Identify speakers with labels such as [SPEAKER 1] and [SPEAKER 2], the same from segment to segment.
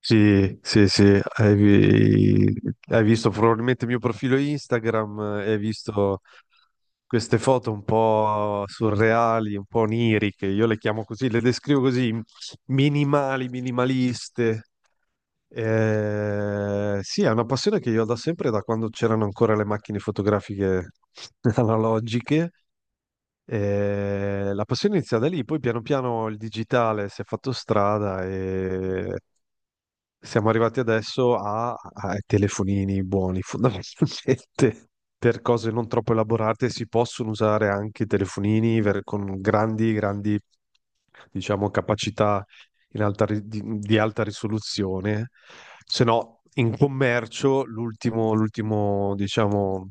[SPEAKER 1] Sì, sì, sì, hai visto probabilmente il mio profilo Instagram, hai visto queste foto un po' surreali, un po' oniriche, io le chiamo così, le descrivo così, minimali, minimaliste, sì, è una passione che io ho da sempre, da quando c'erano ancora le macchine fotografiche analogiche. La passione inizia da lì, poi piano piano il digitale si è fatto strada e siamo arrivati adesso ai telefonini buoni, fondamentalmente. Per cose non troppo elaborate si possono usare anche i telefonini con grandi, grandi, diciamo, capacità di alta risoluzione, se no in commercio l'ultimo, diciamo,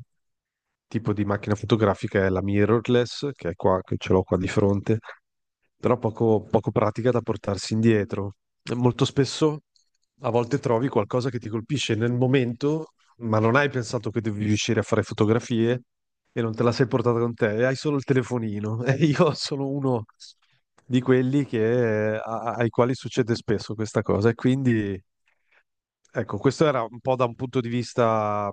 [SPEAKER 1] tipo di macchina fotografica è la mirrorless, che è qua, che ce l'ho qua di fronte, però poco, poco pratica da portarsi indietro. E molto spesso a volte trovi qualcosa che ti colpisce nel momento, ma non hai pensato che devi riuscire a fare fotografie e non te la sei portata con te, e hai solo il telefonino. E io sono uno di quelli ai quali succede spesso questa cosa, e quindi. Ecco, questo era un po' da un punto di vista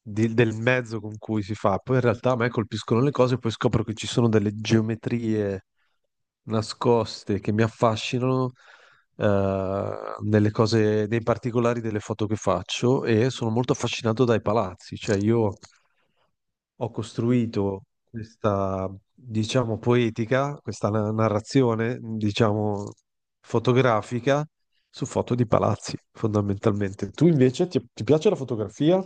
[SPEAKER 1] del mezzo con cui si fa. Poi in realtà a me colpiscono le cose, e poi scopro che ci sono delle geometrie nascoste che mi affascinano nelle cose, nei particolari delle foto che faccio e sono molto affascinato dai palazzi. Cioè io ho costruito questa, diciamo, poetica, questa narrazione, diciamo, fotografica su foto di palazzi, fondamentalmente. Tu invece ti piace la fotografia?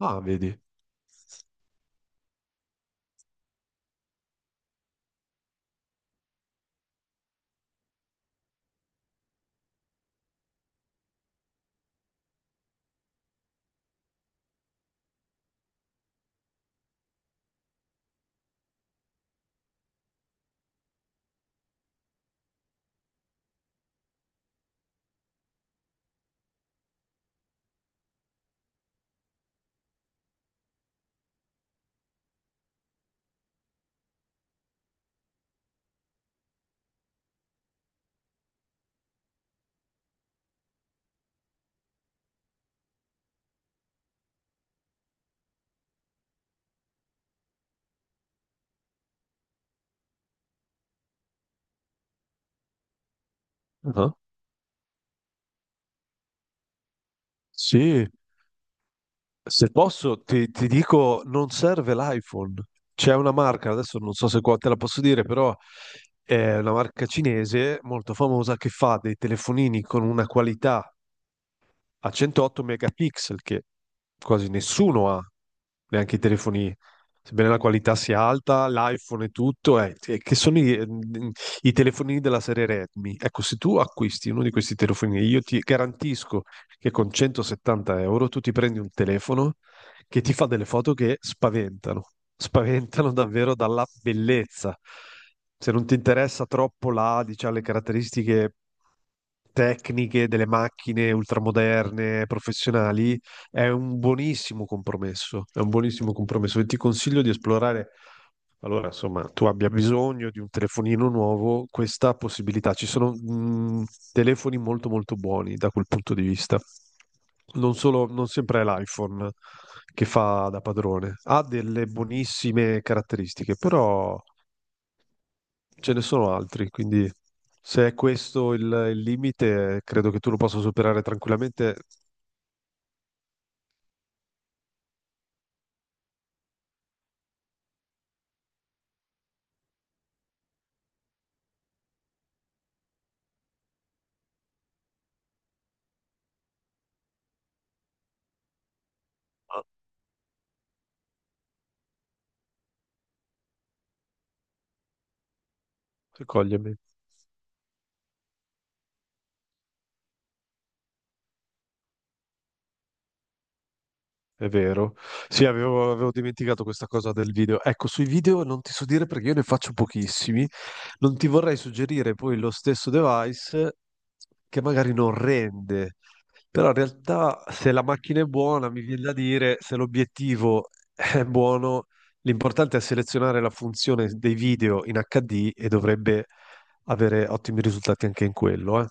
[SPEAKER 1] Ah, vedi. Ah, sì, se posso ti dico, non serve l'iPhone. C'è una marca, adesso non so se qua te la posso dire, però è una marca cinese molto famosa che fa dei telefonini con una qualità a 108 megapixel che quasi nessuno ha, neanche i telefoni, sebbene la qualità sia alta, l'iPhone e tutto, che sono i telefonini della serie Redmi. Ecco, se tu acquisti uno di questi telefonini, io ti garantisco che con 170 euro tu ti prendi un telefono che ti fa delle foto che spaventano, spaventano davvero dalla bellezza. Se non ti interessa troppo diciamo, le caratteristiche tecniche delle macchine ultramoderne, professionali, è un buonissimo compromesso, è un buonissimo compromesso e ti consiglio di esplorare allora, insomma, tu abbia bisogno di un telefonino nuovo, questa possibilità. Ci sono telefoni molto molto buoni da quel punto di vista. Non solo, non sempre è l'iPhone che fa da padrone. Ha delle buonissime caratteristiche, però ce ne sono altri, quindi se è questo il limite, credo che tu lo possa superare tranquillamente. Ah, cogliermi. È vero. Sì, avevo dimenticato questa cosa del video. Ecco, sui video non ti so dire perché io ne faccio pochissimi. Non ti vorrei suggerire poi lo stesso device che magari non rende, però in realtà se la macchina è buona, mi viene da dire, se l'obiettivo è buono, l'importante è selezionare la funzione dei video in HD e dovrebbe avere ottimi risultati anche in quello, eh.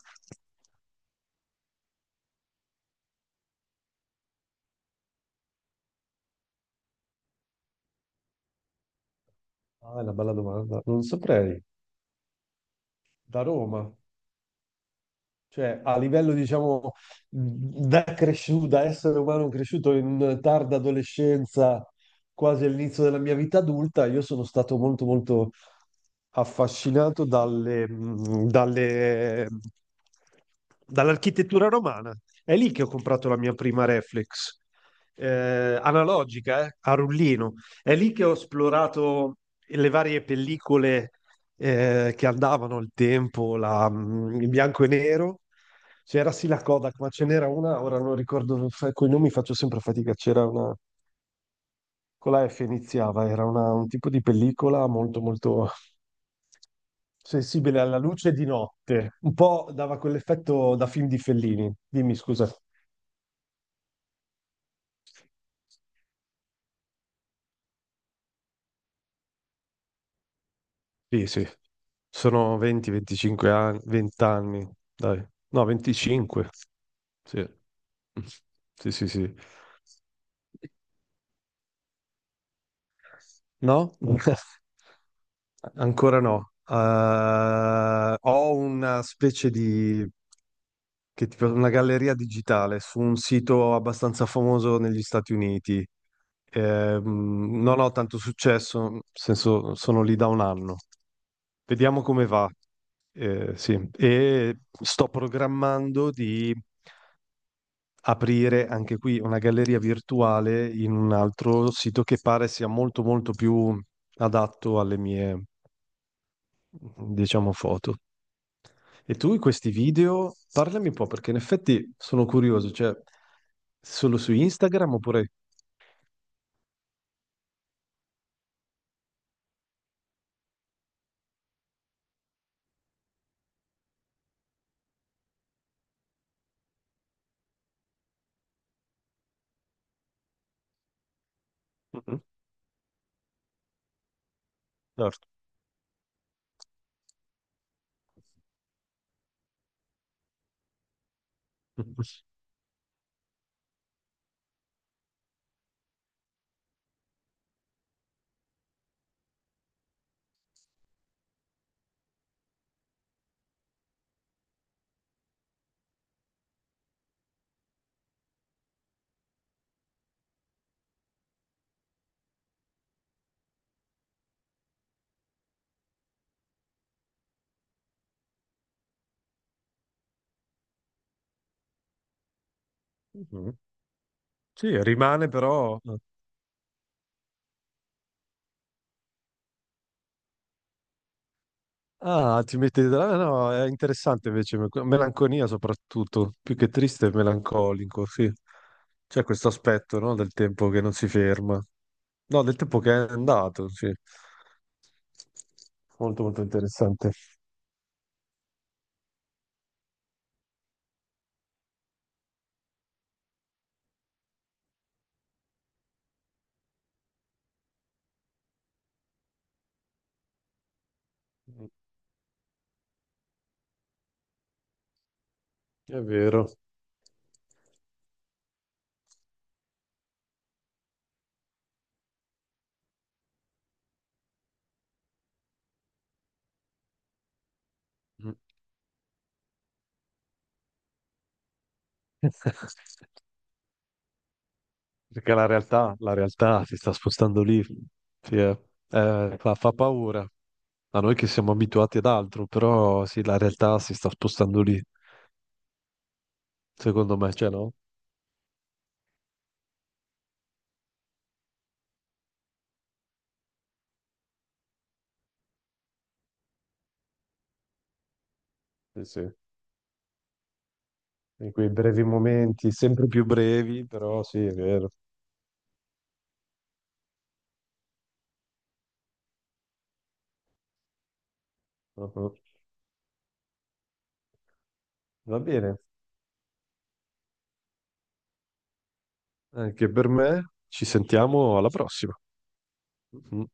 [SPEAKER 1] Ah, è una bella domanda. Non saprei. Da Roma. Cioè, a livello, diciamo, da cresciuto, da essere umano cresciuto in tarda adolescenza, quasi all'inizio della mia vita adulta, io sono stato molto, molto affascinato dall'architettura romana. È lì che ho comprato la mia prima reflex, analogica, a rullino. È lì che ho esplorato le varie pellicole che andavano al tempo, in bianco e nero. C'era sì la Kodak, ma ce n'era una, ora non ricordo, con i nomi faccio sempre fatica, c'era una, con la F iniziava, un tipo di pellicola molto molto sensibile alla luce di notte, un po' dava quell'effetto da film di Fellini. Dimmi, scusa. Sì, sì, sono 20-25 anni, 20 anni, dai. No, 25, sì. Sì, sì, sì. No? Ancora no. Ho una specie di una galleria digitale su un sito abbastanza famoso negli Stati Uniti. Non ho tanto successo, nel senso sono lì da un anno. Vediamo come va. Sì. E sto programmando di aprire anche qui una galleria virtuale in un altro sito che pare sia molto molto più adatto alle mie diciamo, foto. E tu in questi video, parlami un po', perché in effetti sono curioso, cioè, solo su Instagram oppure... Mhm, certo. Mhm. Sì, rimane però... Ah, ti metti... ah, no, è interessante invece, melanconia soprattutto, più che triste è melancolico, sì. C'è questo aspetto, no, del tempo che non si ferma. No, del tempo che è andato, sì. Molto, molto interessante. Mm, è vero. Mm. Perché la realtà si sta spostando lì, sì, eh. Fa paura a noi che siamo abituati ad altro, però sì, la realtà si sta spostando lì, secondo me, cioè no? Sì, sì. In quei brevi momenti, sempre più brevi, però sì, è vero. Uh-huh. Va bene, anche per me, ci sentiamo alla prossima. Mhm.